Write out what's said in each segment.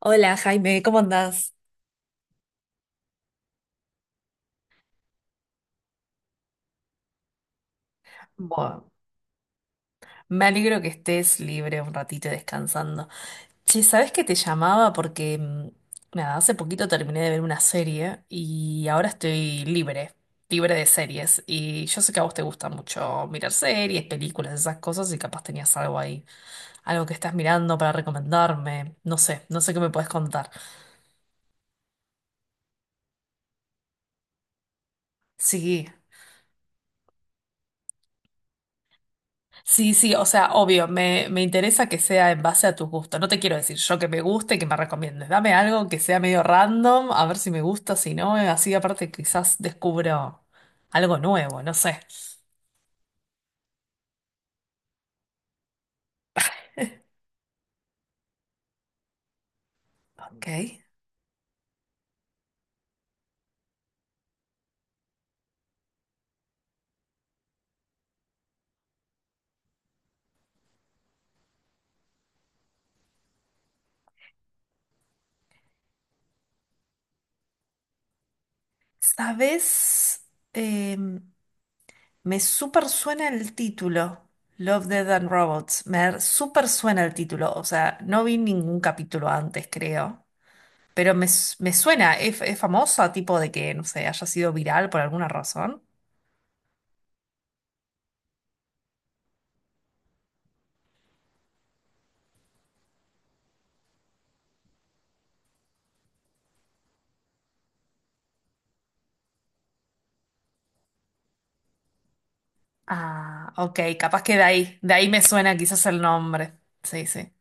Hola Jaime, ¿cómo andás? Bueno, me alegro que estés libre un ratito y descansando. Che, ¿sabes que te llamaba? Porque, nada, hace poquito terminé de ver una serie y ahora estoy libre, libre de series. Y yo sé que a vos te gusta mucho mirar series, películas, esas cosas y capaz tenías algo ahí, algo que estás mirando para recomendarme. No sé, no sé qué me puedes contar. Sí. Sí, sí, o sea, obvio, me interesa que sea en base a tus gustos. No te quiero decir yo que me guste, que me recomiendes. Dame algo que sea medio random, a ver si me gusta, si no, así aparte quizás descubro algo nuevo, no sé. Ok. ¿Sabes? Eh, Me súper suena el título, Love, Death and Robots. Me súper suena el título, o sea, no vi ningún capítulo antes, creo. Pero me suena, es famosa, tipo de que, no sé, haya sido viral por alguna razón. Ah, ok, capaz que de ahí me suena quizás el nombre. Sí, sí.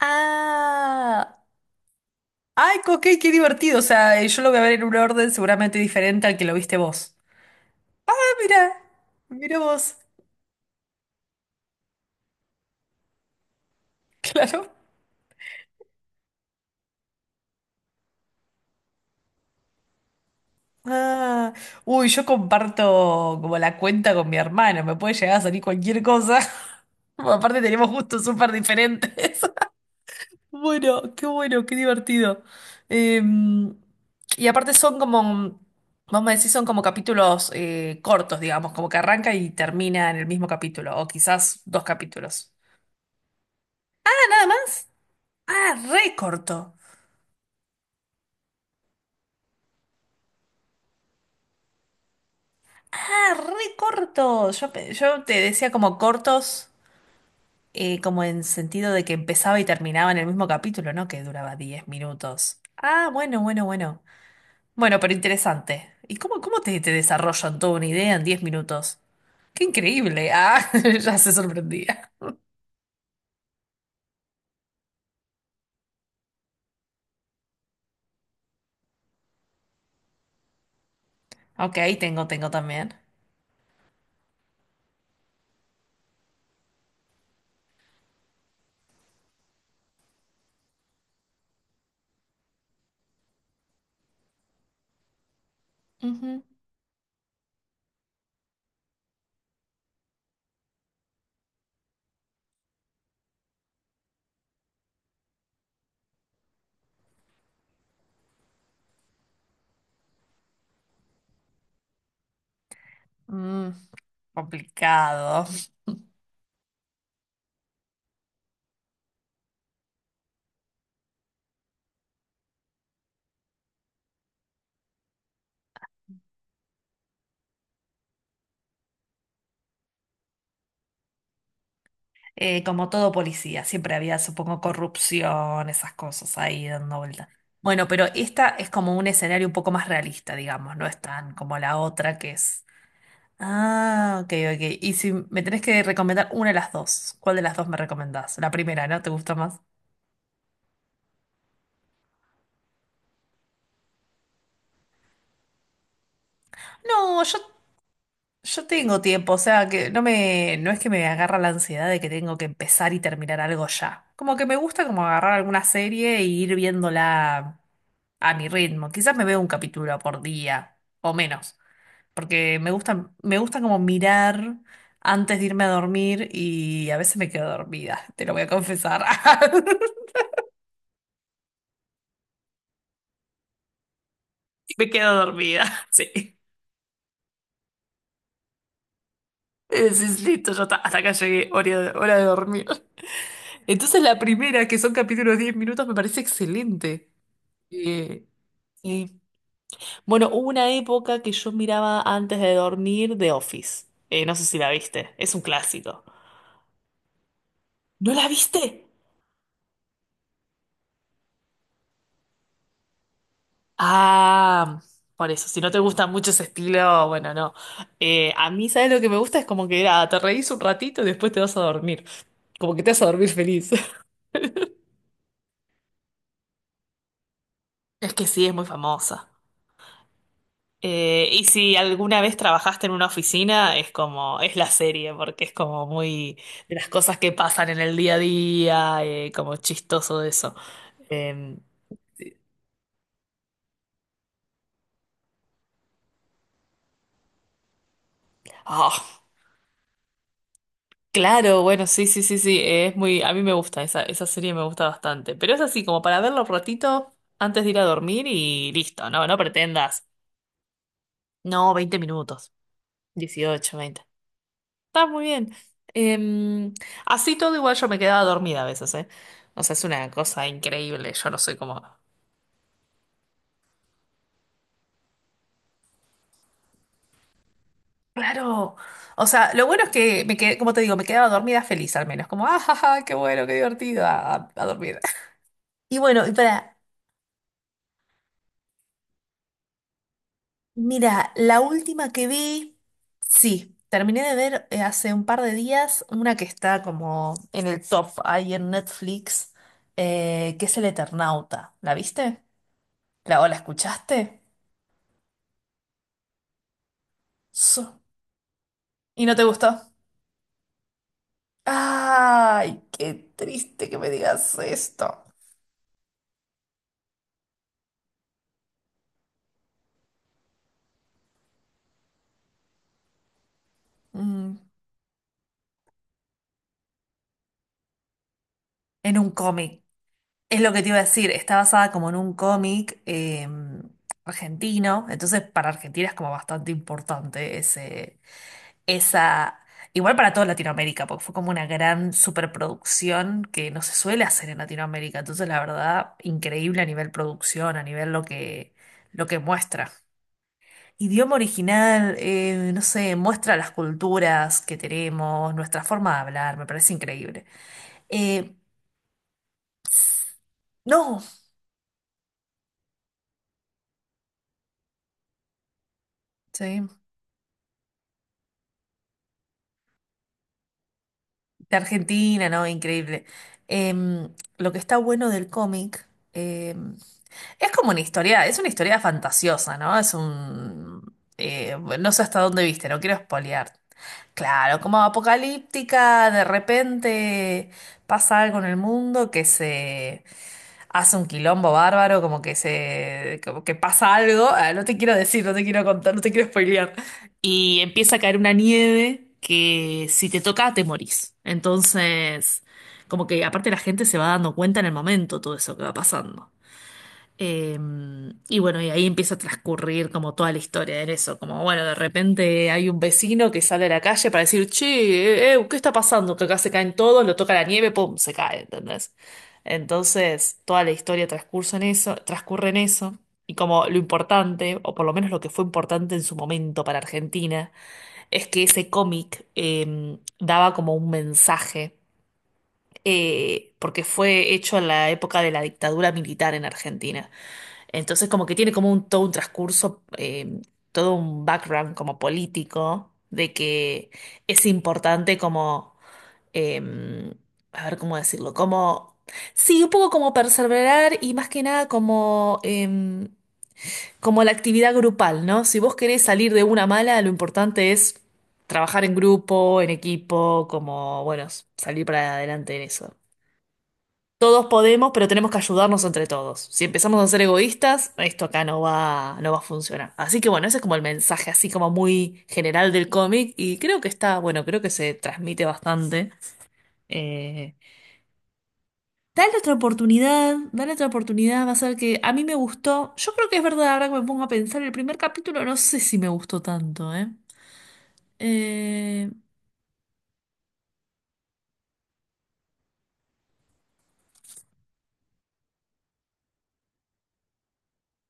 Ah, ay, co- ok, qué divertido. O sea, yo lo voy a ver en un orden seguramente diferente al que lo viste vos. Ah, mira, mira vos, claro. Ah, uy, yo comparto como la cuenta con mi hermano, me puede llegar a salir cualquier cosa. Aparte tenemos gustos súper diferentes. Bueno, qué divertido. Em, y aparte son como, vamos a decir son como capítulos cortos, digamos, como que arranca y termina en el mismo capítulo, o quizás dos capítulos. Ah, nada más. Ah, re corto. Ah, re corto. Yo te decía como cortos, como en sentido de que empezaba y terminaba en el mismo capítulo, ¿no? Que duraba 10 minutos. Ah, bueno, bueno, bueno. Bueno, pero interesante. ¿Y cómo, cómo te, te desarrollan toda una idea en 10 minutos? ¡Qué increíble! Ah, ya se sorprendía. Ok, tengo también. Ujú. Mm, complicado. Como todo policía, siempre había, supongo, corrupción, esas cosas ahí dando vuelta. Bueno, pero esta es como un escenario un poco más realista, digamos, no es tan como la otra que es. Ah, ok, ok. Y si me tenés que recomendar una de las dos, ¿cuál de las dos me recomendás? La primera, ¿no? ¿Te gusta más? No. Yo tengo tiempo, o sea, que no no es que me agarra la ansiedad de que tengo que empezar y terminar algo ya. Como que me gusta como agarrar alguna serie e ir viéndola a mi ritmo. Quizás me veo un capítulo por día o menos, porque me gusta como mirar antes de irme a dormir y a veces me quedo dormida, te lo voy a confesar. Me quedo dormida, sí. Es listo, ya está, hasta acá llegué, hora de dormir. Entonces la primera, que son capítulos de 10 minutos, me parece excelente. Eh, y bueno, hubo una época que yo miraba antes de dormir The Office. No sé si la viste, es un clásico. ¿No la viste? Ah, por eso, si no te gusta mucho ese estilo, bueno, no. A mí, ¿sabes lo que me gusta? Es como que ah, te reís un ratito y después te vas a dormir. Como que te vas a dormir feliz. Es que sí, es muy famosa. Y si alguna vez trabajaste en una oficina, es como, es la serie, porque es como muy de las cosas que pasan en el día a día, como chistoso de eso. Eh, ah, claro, bueno, sí, sí, sí, sí, es muy, a mí me gusta, esa serie me gusta bastante, pero es así, como para verlo un ratito antes de ir a dormir y listo, no, no pretendas. No, 20 minutos, 18 veinte. Está muy bien. Em, Así todo igual yo me quedaba dormida a veces, ¿eh? O sea, es una cosa increíble. Yo no soy como... Claro. O sea, lo bueno es que me quedé, como te digo, me quedaba dormida feliz al menos. Como, ah, ja, ja, qué bueno, qué divertido dormir. Y bueno, y para, mira, la última que vi, sí, terminé de ver hace un par de días una que está como en el top ahí en Netflix, que es El Eternauta. ¿La viste? ¿La, o la escuchaste? Y no te gustó. Ay, qué triste que me digas esto. Mm, en un cómic. Es lo que te iba a decir, está basada como en un cómic argentino, entonces para Argentina es como bastante importante esa, igual para toda Latinoamérica, porque fue como una gran superproducción que no se suele hacer en Latinoamérica, entonces la verdad, increíble a nivel producción, a nivel lo que muestra. Idioma original, no sé, muestra las culturas que tenemos, nuestra forma de hablar, me parece increíble. Eh, no, sí, de Argentina, no, increíble. Lo que está bueno del cómic, es como una historia, fantasiosa, ¿no? Bueno, no sé hasta dónde viste, no quiero spoilear. Claro, como apocalíptica, de repente pasa algo en el mundo que se hace un quilombo bárbaro, como que se, como que pasa algo, ah, no te quiero decir, no te quiero contar, no te quiero spoilear. Y empieza a caer una nieve que si te toca te morís. Entonces, como que aparte la gente se va dando cuenta en el momento todo eso que va pasando. Eh, y bueno, y ahí empieza a transcurrir como toda la historia en eso, como bueno, de repente hay un vecino que sale a la calle para decir, che, ¿qué está pasando? Que acá se caen todos, lo toca la nieve, pum, se cae, ¿entendés? Entonces, toda la historia transcurre en eso, y como lo importante, o por lo menos lo que fue importante en su momento para Argentina, es que ese cómic daba como un mensaje, porque fue hecho en la época de la dictadura militar en Argentina. Entonces como que tiene como todo un transcurso, todo un background como político, de que es importante como, eh, a ver cómo decirlo, como, sí, un poco como perseverar y más que nada como la actividad grupal, ¿no? Si vos querés salir de una mala, lo importante es trabajar en grupo, en equipo, como, bueno, salir para adelante en eso. Todos podemos, pero tenemos que ayudarnos entre todos. Si empezamos a ser egoístas, esto acá no va a funcionar. Así que bueno, ese es como el mensaje así como muy general del cómic y creo que está, bueno, creo que se transmite bastante. Eh, Dale otra oportunidad, dale otra oportunidad, va a ser que a mí me gustó. Yo creo que es verdad, ahora que me pongo a pensar, el primer capítulo no sé si me gustó tanto, ¿eh? Eh,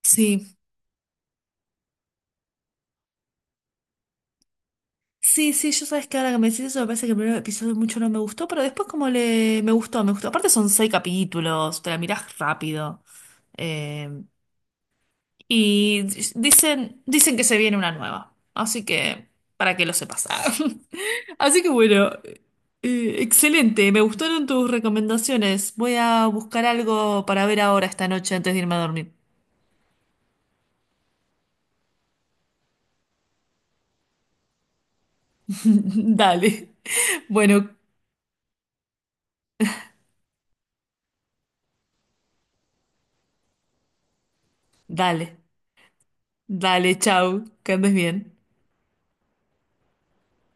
sí. Sí, sí, yo sabes que ahora que me decís eso, me parece que el primer episodio mucho no me gustó, pero después como le me gustó, me gustó. Aparte son seis capítulos, te la mirás rápido. Eh, y dicen que se viene una nueva. Así que, para que lo sepas. Así que bueno, excelente, me gustaron tus recomendaciones. Voy a buscar algo para ver ahora esta noche antes de irme a dormir. Dale. Bueno, dale. Dale, chau, que andes bien.